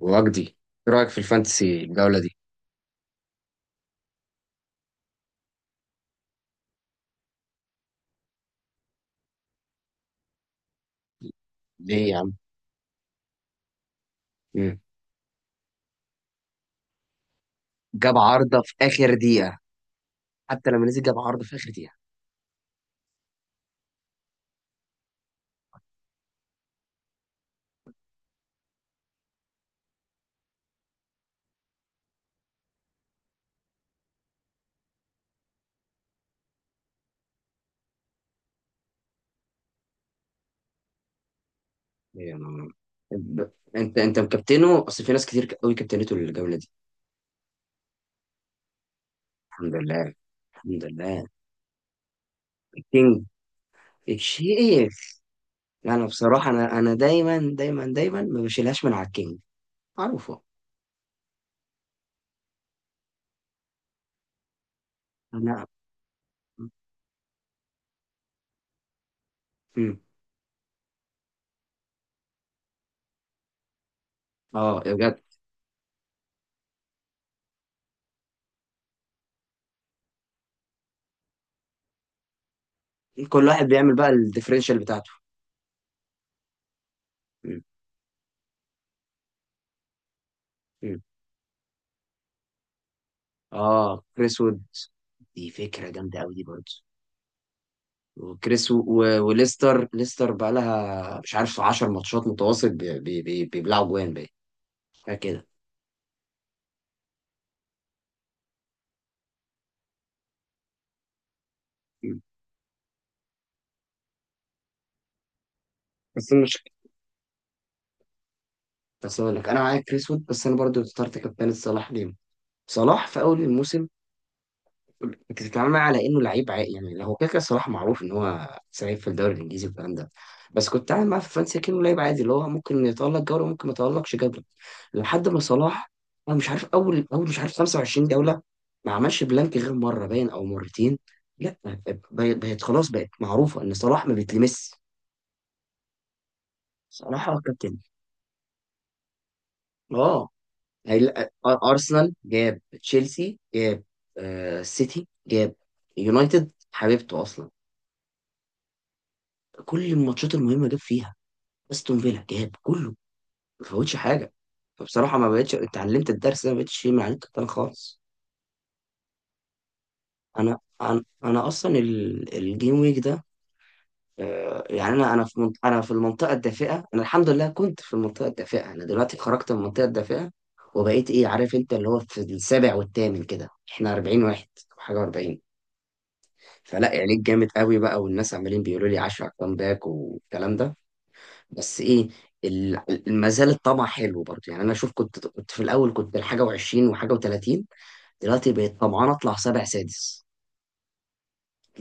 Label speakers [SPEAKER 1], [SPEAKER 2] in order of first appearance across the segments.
[SPEAKER 1] وجدي، ايه رايك في الفانتسي الجوله دي؟ ليه يا عم؟ مم. جاب عارضه في اخر دقيقه. حتى لما نزل جاب عارضه في اخر دقيقه. يعني انت مكابتنه؟ اصل في ناس كتير قوي كابتنته الجوله دي. الحمد لله. الحمد لله. الكينج. الشيخ. انا بصراحه، انا دايما دايما دايما ما بشيلهاش من على الكينج. معروفه. انا. مم. اه، يا بجد. كل واحد بيعمل بقى الديفرنشال بتاعته. مم. مم. اه، كريس وود. دي فكره جامده قوي دي برضه. وليستر، ليستر بقى لها مش عارف 10 ماتشات متواصل بيبلعوا جوان بقى. حاجة كده. مم. بس المشكلة. بس اقول لك انا معاك كريس وود، بس انا برضو اخترت كابتن صلاح. ليه صلاح في اول الموسم؟ انت بتتعامل معاه على انه لعيب يعني هو كده كده صلاح معروف ان هو سعيد في الدوري الانجليزي والكلام ده. بس كنت بتعامل معاه في فرنسا كانه لعيب عادي، اللي هو ممكن يتألق جوله، ممكن ما يتألقش جوله. لحد ما صلاح، انا مش عارف، اول مش عارف 25 جوله، ما عملش بلانك غير مره باين او مرتين. لا، بقت خلاص بقت معروفه ان صلاح ما بيتلمس. صلاح هو الكابتن. اه. ارسنال جاب، تشيلسي جاب، سيتي جاب، يونايتد حبيبته اصلا، كل الماتشات المهمه جاب فيها، استون فيلا جاب، كله، ما فوتش حاجه. فبصراحه ما بقتش اتعلمت الدرس ده، ما بقتش شيء مع الكابتن خالص. انا اصلا الجيم ويك ده، يعني انا في المنطقه الدافئه، انا الحمد لله كنت في المنطقه الدافئه، انا دلوقتي خرجت من المنطقه الدافئه، وبقيت ايه عارف انت، اللي هو في السابع والثامن كده، احنا 40 واحد أو حاجه 40. فلا يعني جامد قوي بقى، والناس عمالين بيقولوا لي 10 كام باك والكلام ده. بس ايه، ما زال الطمع حلو برضه. يعني انا شوف، كنت في الاول كنت حاجه و20 وحاجه و30، دلوقتي بقيت طمعان اطلع سابع سادس.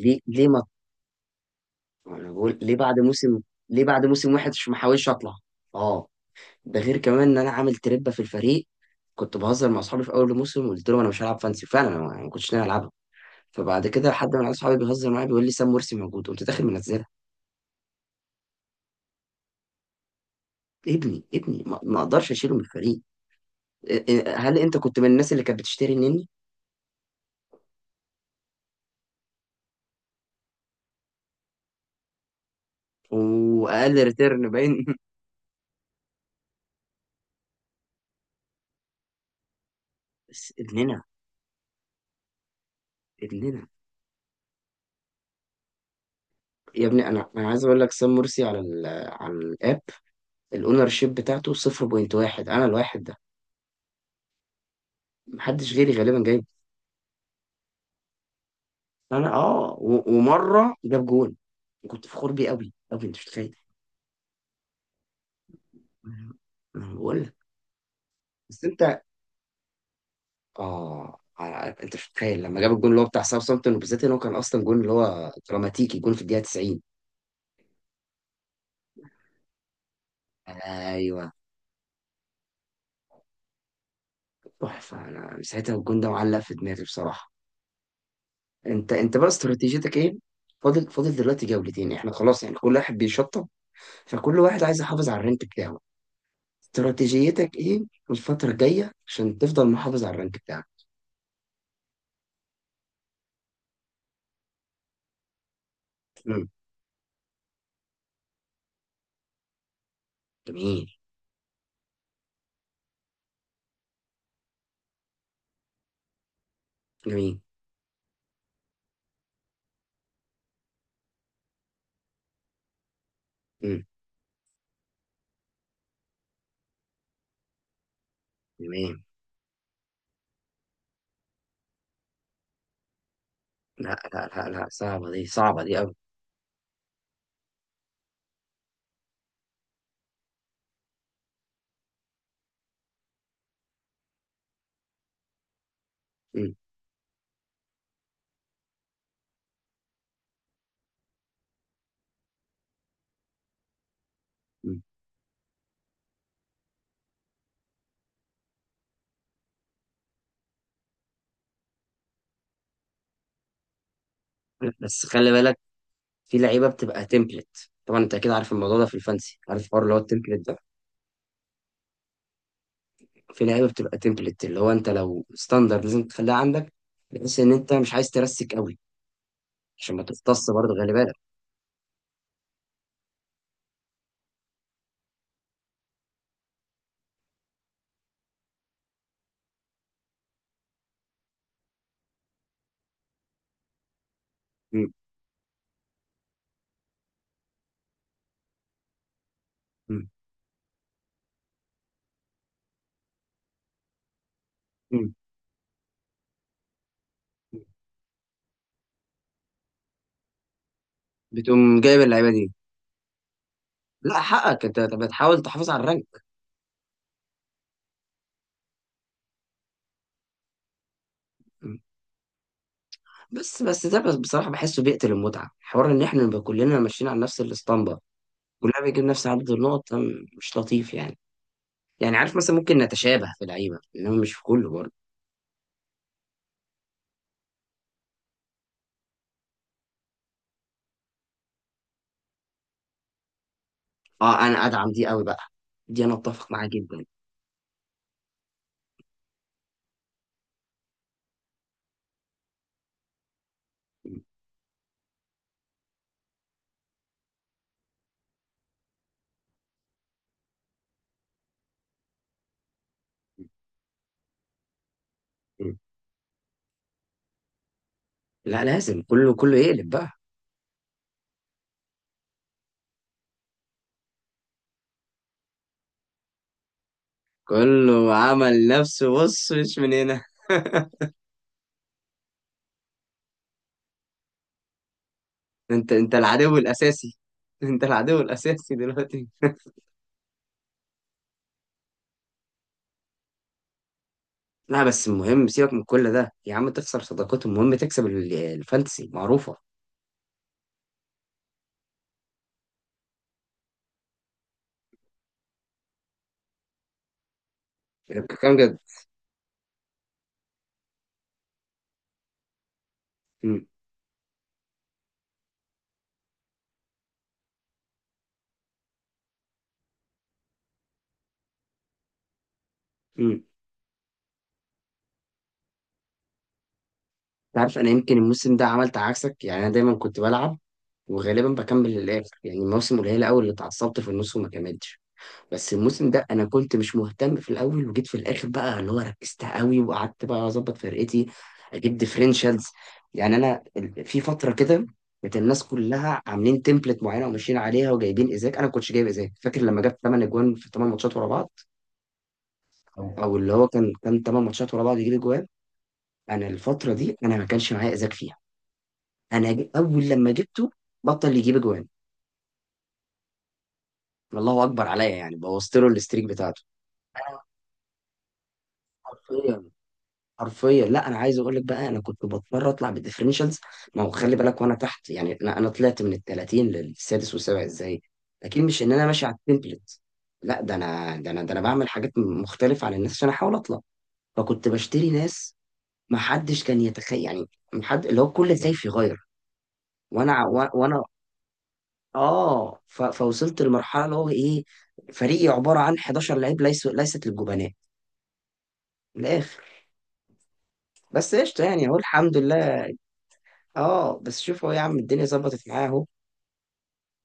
[SPEAKER 1] ليه ليه ما انا بقول ليه بعد موسم؟ ليه بعد موسم واحد مش محاولش اطلع؟ اه. ده غير كمان ان انا عامل تربه في الفريق. كنت بهزر مع اصحابي في اول الموسم وقلت لهم انا مش هلعب فانسي، فعلا انا ما كنتش ناوي العبها. فبعد كده حد من عيال اصحابي بيهزر معايا بيقول لي سام مرسي موجود، قمت داخل منزلها. ابني ابني، ما اقدرش اشيله من الفريق. إيه، هل انت كنت من الناس اللي كانت بتشتري النني؟ واقل ريتيرن باين. بس ابننا. ابننا. يا ابني، انا عايز اقول لك، سام مرسي على على الاب، الاونر شيب بتاعته 0.1. انا الواحد ده محدش غيري غالبا جايب. انا ومره جاب جون، كنت فخور بيه قوي قوي، انت مش متخيل. انا بقول لك. بس انت مش متخيل لما جاب الجون اللي هو بتاع ساوثامبتون، وبالذات ان هو كان اصلا جون اللي هو دراماتيكي، جون في الدقيقه 90. ايوه. تحفه. انا ساعتها الجون ده معلق في دماغي بصراحه. انت بقى استراتيجيتك ايه؟ فاضل دلوقتي جولتين، احنا خلاص يعني كل واحد بيشطب، فكل واحد عايز يحافظ على الرانك بتاعه. استراتيجيتك ايه الفترة الجاية عشان تفضل محافظ على الرانك بتاعك؟ امم. جميل. جميل. امم. جميل. لا لا لا لا، صعبة دي، صعبة دي قوي. امم. امم. بس خلي بالك، في لعيبة بتبقى تمبلت، طبعا انت اكيد عارف الموضوع ده في الفانسي، عارف الحوار اللي هو التمبلت ده. في لعيبه بتبقى تمبلت، اللي هو انت لو ستاندرد لازم تخليها عندك، بحيث ان انت مش عايز ترسك قوي عشان ما تختص برضه. خلي بالك. مم. مم. مم. بتقوم جايب اللعيبه دي. لا حقك، انت بتحاول تحافظ على الرانك. مم. بس ده، بس بصراحه بحسه بيقتل المتعه، حوار ان احنا نبقى كلنا ماشيين على نفس الاسطمبه، كلنا بيجيب نفس عدد النقط. مش لطيف يعني. يعني عارف مثلا ممكن نتشابه في لعيبه انما مش في كله برضه. اه، انا ادعم دي قوي بقى، دي انا اتفق معاها جدا. مم. مم. لا، لازم كله كله يقلب بقى. كله عمل نفسه بص مش من هنا. انت العدو الاساسي. انت العدو الاساسي دلوقتي. لا بس المهم سيبك من كل ده يا عم، تخسر صداقات، المهم تكسب الفانتسي، معروفه. يعني بتتكلم جد؟ امم. امم. انت عارف، انا يمكن الموسم ده عملت عكسك، يعني انا دايما كنت بلعب وغالبا بكمل للاخر، يعني موسم قليل قوي اللي اتعصبت في النص وما كملتش. بس الموسم ده انا كنت مش مهتم في الاول وجيت في الاخر بقى اللي هو ركزت قوي وقعدت بقى اظبط فرقتي، اجيب ديفرنشالز. يعني انا في فتره كده، كانت الناس كلها عاملين تمبلت معينه وماشيين عليها وجايبين ايزاك، انا ما كنتش جايب ايزاك، فاكر لما جاب 8 اجوان في 8 ماتشات ورا بعض؟ او اللي هو كان 8 ماتشات ورا بعض يجيب اجوان. انا الفتره دي انا ما كانش معايا ايزاك فيها. انا اول لما جبته بطل يجيب اجوان. الله اكبر عليا، يعني بوظت له الستريك بتاعته. انا. حرفيا. حرفيا، لا انا عايز اقول لك بقى، انا كنت بضطر اطلع بالديفرنشالز. ما هو خلي بالك وانا تحت، يعني انا طلعت من ال 30 للسادس والسابع ازاي؟ اكيد مش ان انا ماشي على التمبلت. لا، ده انا بعمل حاجات مختلفه عن الناس عشان احاول اطلع، فكنت بشتري ناس ما حدش كان يتخيل يعني، محد اللي هو كل خايف يغير. وانا فوصلت لمرحله اللي هو ايه، فريقي عباره عن 11 لعيب ليس... ليست للجبناء، من الاخر. بس قشطه يعني، اهو الحمد لله. اه بس شوف هو يا عم، الدنيا ظبطت معاه اهو،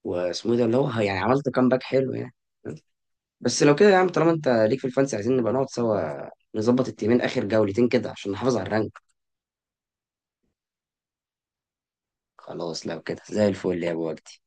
[SPEAKER 1] واسمه إيه ده اللي هو، يعني عملت كامباك حلو يعني. بس لو كده يا عم، طالما انت ليك في الفانسي، عايزين نبقى نقعد سوا، نظبط التيمين اخر جولتين كده عشان نحافظ على الرانك. خلاص لو كده زي الفل يا ابو وجدي.